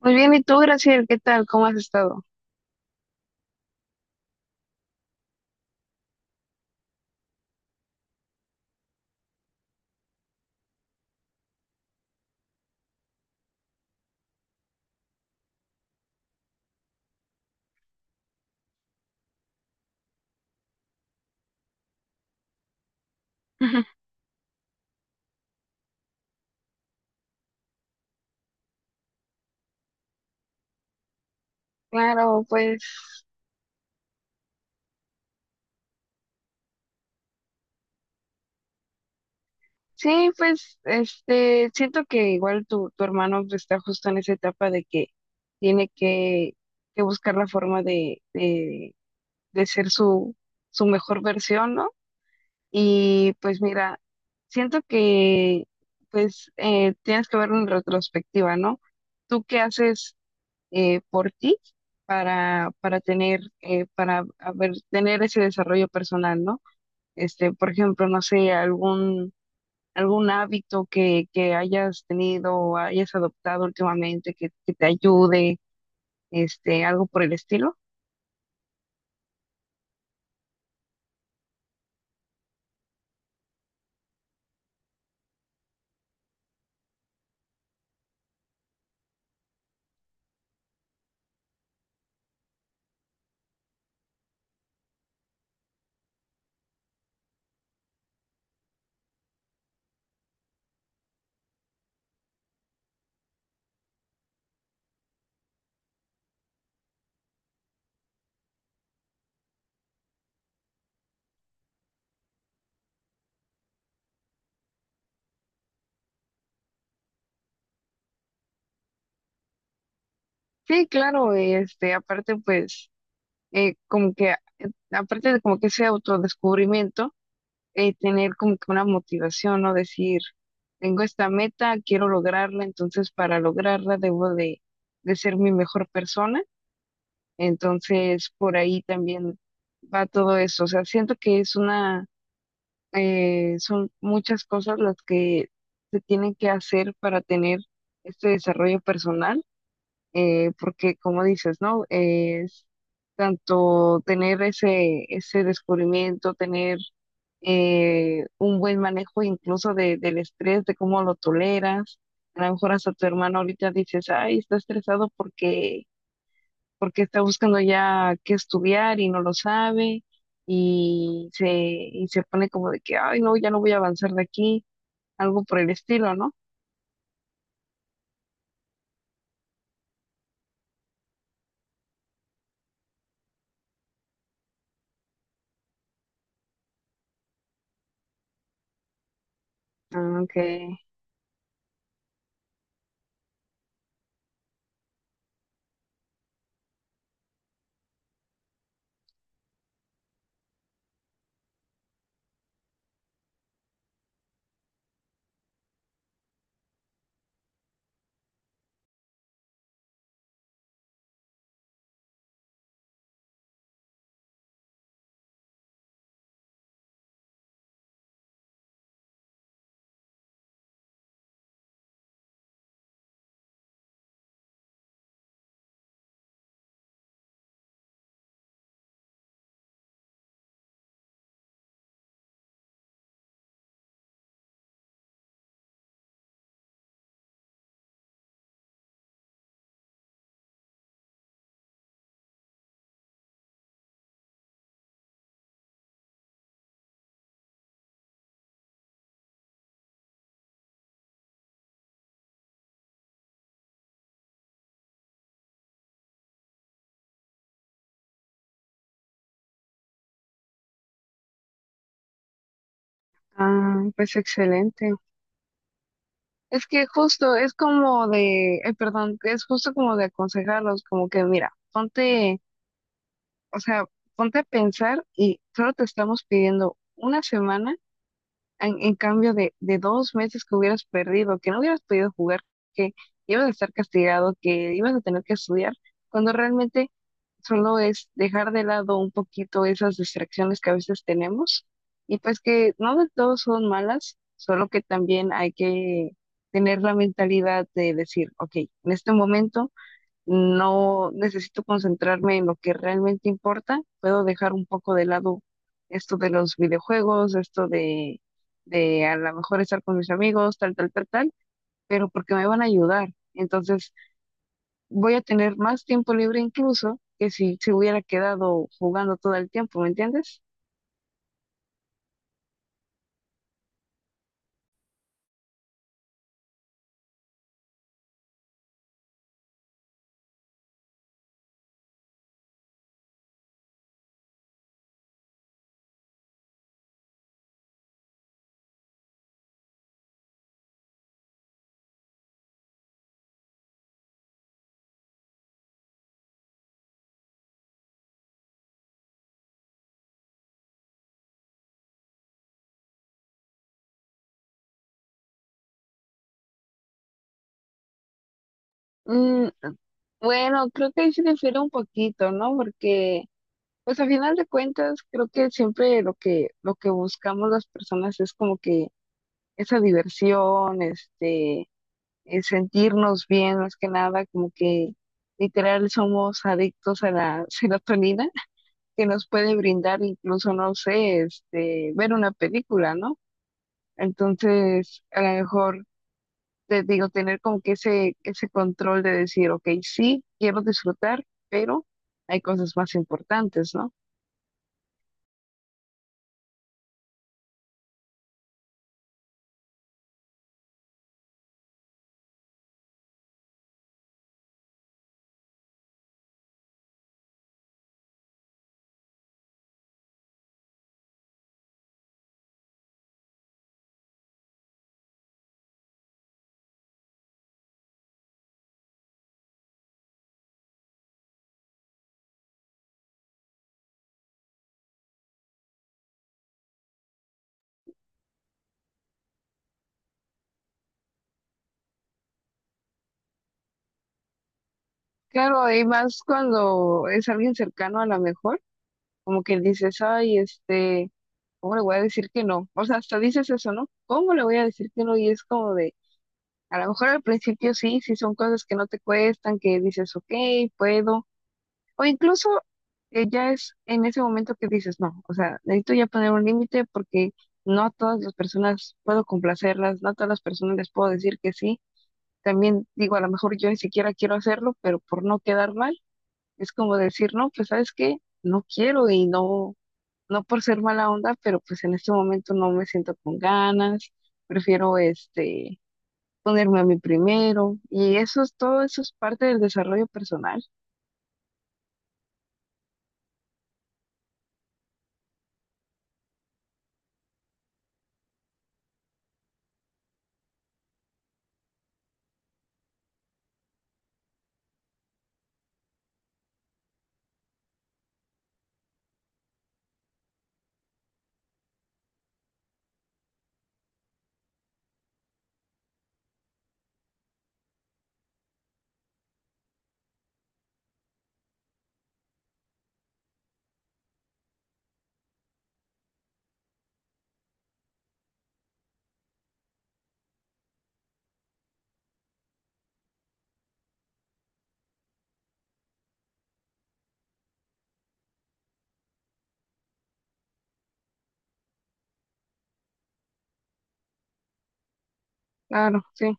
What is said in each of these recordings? Muy bien, ¿y tú, Graciel? ¿Qué tal? ¿Cómo has estado? Claro, pues sí, pues siento que igual tu hermano pues, está justo en esa etapa de que tiene que, que buscar la forma de ser su mejor versión, ¿no? Y pues mira, siento que pues tienes que ver en retrospectiva, ¿no? ¿Tú qué haces por ti para tener, tener ese desarrollo personal, ¿no? Este, por ejemplo, no sé, algún hábito que hayas tenido o hayas adoptado últimamente que te ayude, este, algo por el estilo. Sí, claro, este, aparte, pues, eh, como que, eh, aparte de como que ese autodescubrimiento, tener como que una motivación, ¿no? Decir, tengo esta meta, quiero lograrla, entonces para lograrla de ser mi mejor persona. Entonces por ahí también va todo eso. O sea, siento que es una, son muchas cosas las que se tienen que hacer para tener este desarrollo personal, porque como dices, ¿no? Es tanto tener ese descubrimiento, tener un buen manejo incluso de, del estrés, de cómo lo toleras. A lo mejor hasta tu hermano ahorita dices, ay, está estresado porque está buscando ya qué estudiar y no lo sabe y se pone como de que, ay, no, ya no voy a avanzar de aquí, algo por el estilo, ¿no? Ah, ok. Ah, pues excelente. Es que justo es como de, ay, perdón, es justo como de aconsejarlos, como que mira, ponte, o sea, ponte a pensar y solo te estamos pidiendo una semana. En cambio de dos meses que hubieras perdido, que no hubieras podido jugar, que ibas a estar castigado, que ibas a tener que estudiar, cuando realmente solo es dejar de lado un poquito esas distracciones que a veces tenemos, y pues que no de todo son malas, solo que también hay que tener la mentalidad de decir, ok, en este momento no necesito concentrarme en lo que realmente importa, puedo dejar un poco de lado esto de los videojuegos, esto de a lo mejor estar con mis amigos, tal, tal, tal, tal, pero porque me van a ayudar. Entonces voy a tener más tiempo libre incluso que si se hubiera quedado jugando todo el tiempo, ¿me entiendes? Mm, bueno, creo que ahí se difiere un poquito, ¿no? Porque pues a final de cuentas, creo que siempre lo que buscamos las personas es como que esa diversión, sentirnos bien más que nada, como que literal somos adictos a la serotonina que nos puede brindar incluso, no sé, este, ver una película, ¿no? Entonces, a lo mejor te digo, tener como que ese control de decir, ok, sí, quiero disfrutar, pero hay cosas más importantes, ¿no? Claro, y más cuando es alguien cercano a lo mejor, como que dices, ay, este, ¿cómo le voy a decir que no? O sea, hasta dices eso, ¿no? ¿Cómo le voy a decir que no? Y es como de, a lo mejor al principio sí, sí son cosas que no te cuestan, que dices, ok, puedo, o incluso ya es en ese momento que dices, no, o sea, necesito ya poner un límite porque no a todas las personas puedo complacerlas, no a todas las personas les puedo decir que sí. También digo, a lo mejor yo ni siquiera quiero hacerlo, pero por no quedar mal, es como decir, no, pues sabes qué, no quiero y no por ser mala onda, pero pues en este momento no me siento con ganas, prefiero este ponerme a mí primero y eso es todo, eso es parte del desarrollo personal. Claro, sí,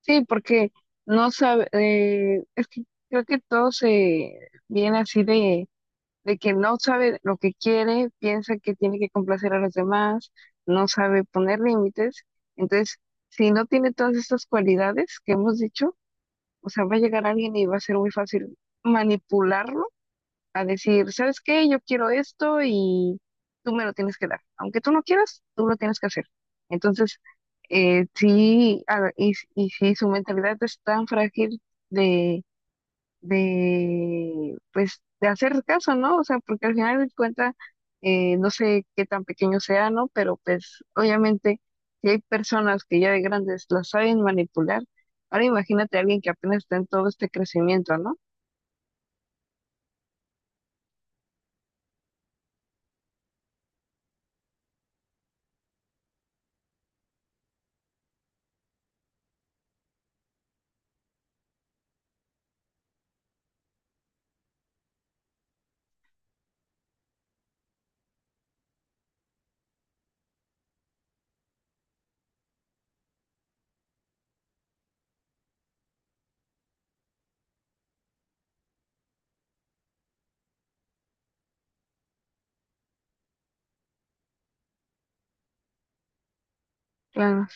sí, porque no sabe, es que creo que todo se viene así de que no sabe lo que quiere, piensa que tiene que complacer a los demás, no sabe poner límites. Entonces si no tiene todas estas cualidades que hemos dicho, o sea, va a llegar alguien y va a ser muy fácil manipularlo, a decir, ¿sabes qué? Yo quiero esto y tú me lo tienes que dar. Aunque tú no quieras, tú lo tienes que hacer. Entonces, y sí, su mentalidad es tan frágil de, pues, de hacer caso, ¿no? O sea, porque al final de cuentas, no sé qué tan pequeño sea, ¿no? Pero pues, obviamente, si hay personas que ya de grandes las saben manipular, ahora imagínate a alguien que apenas está en todo este crecimiento, ¿no? Claro,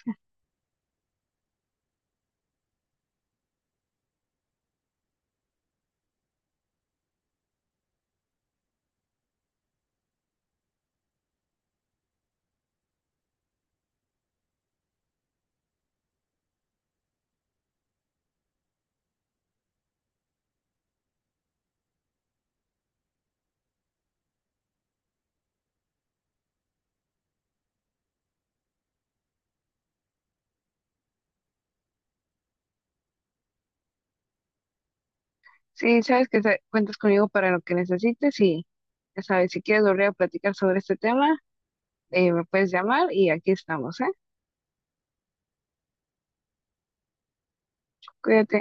sí, sabes que cuentas conmigo para lo que necesites, y ya sabes, si quieres volver a platicar sobre este tema, me puedes llamar y aquí estamos, ¿eh? Cuídate.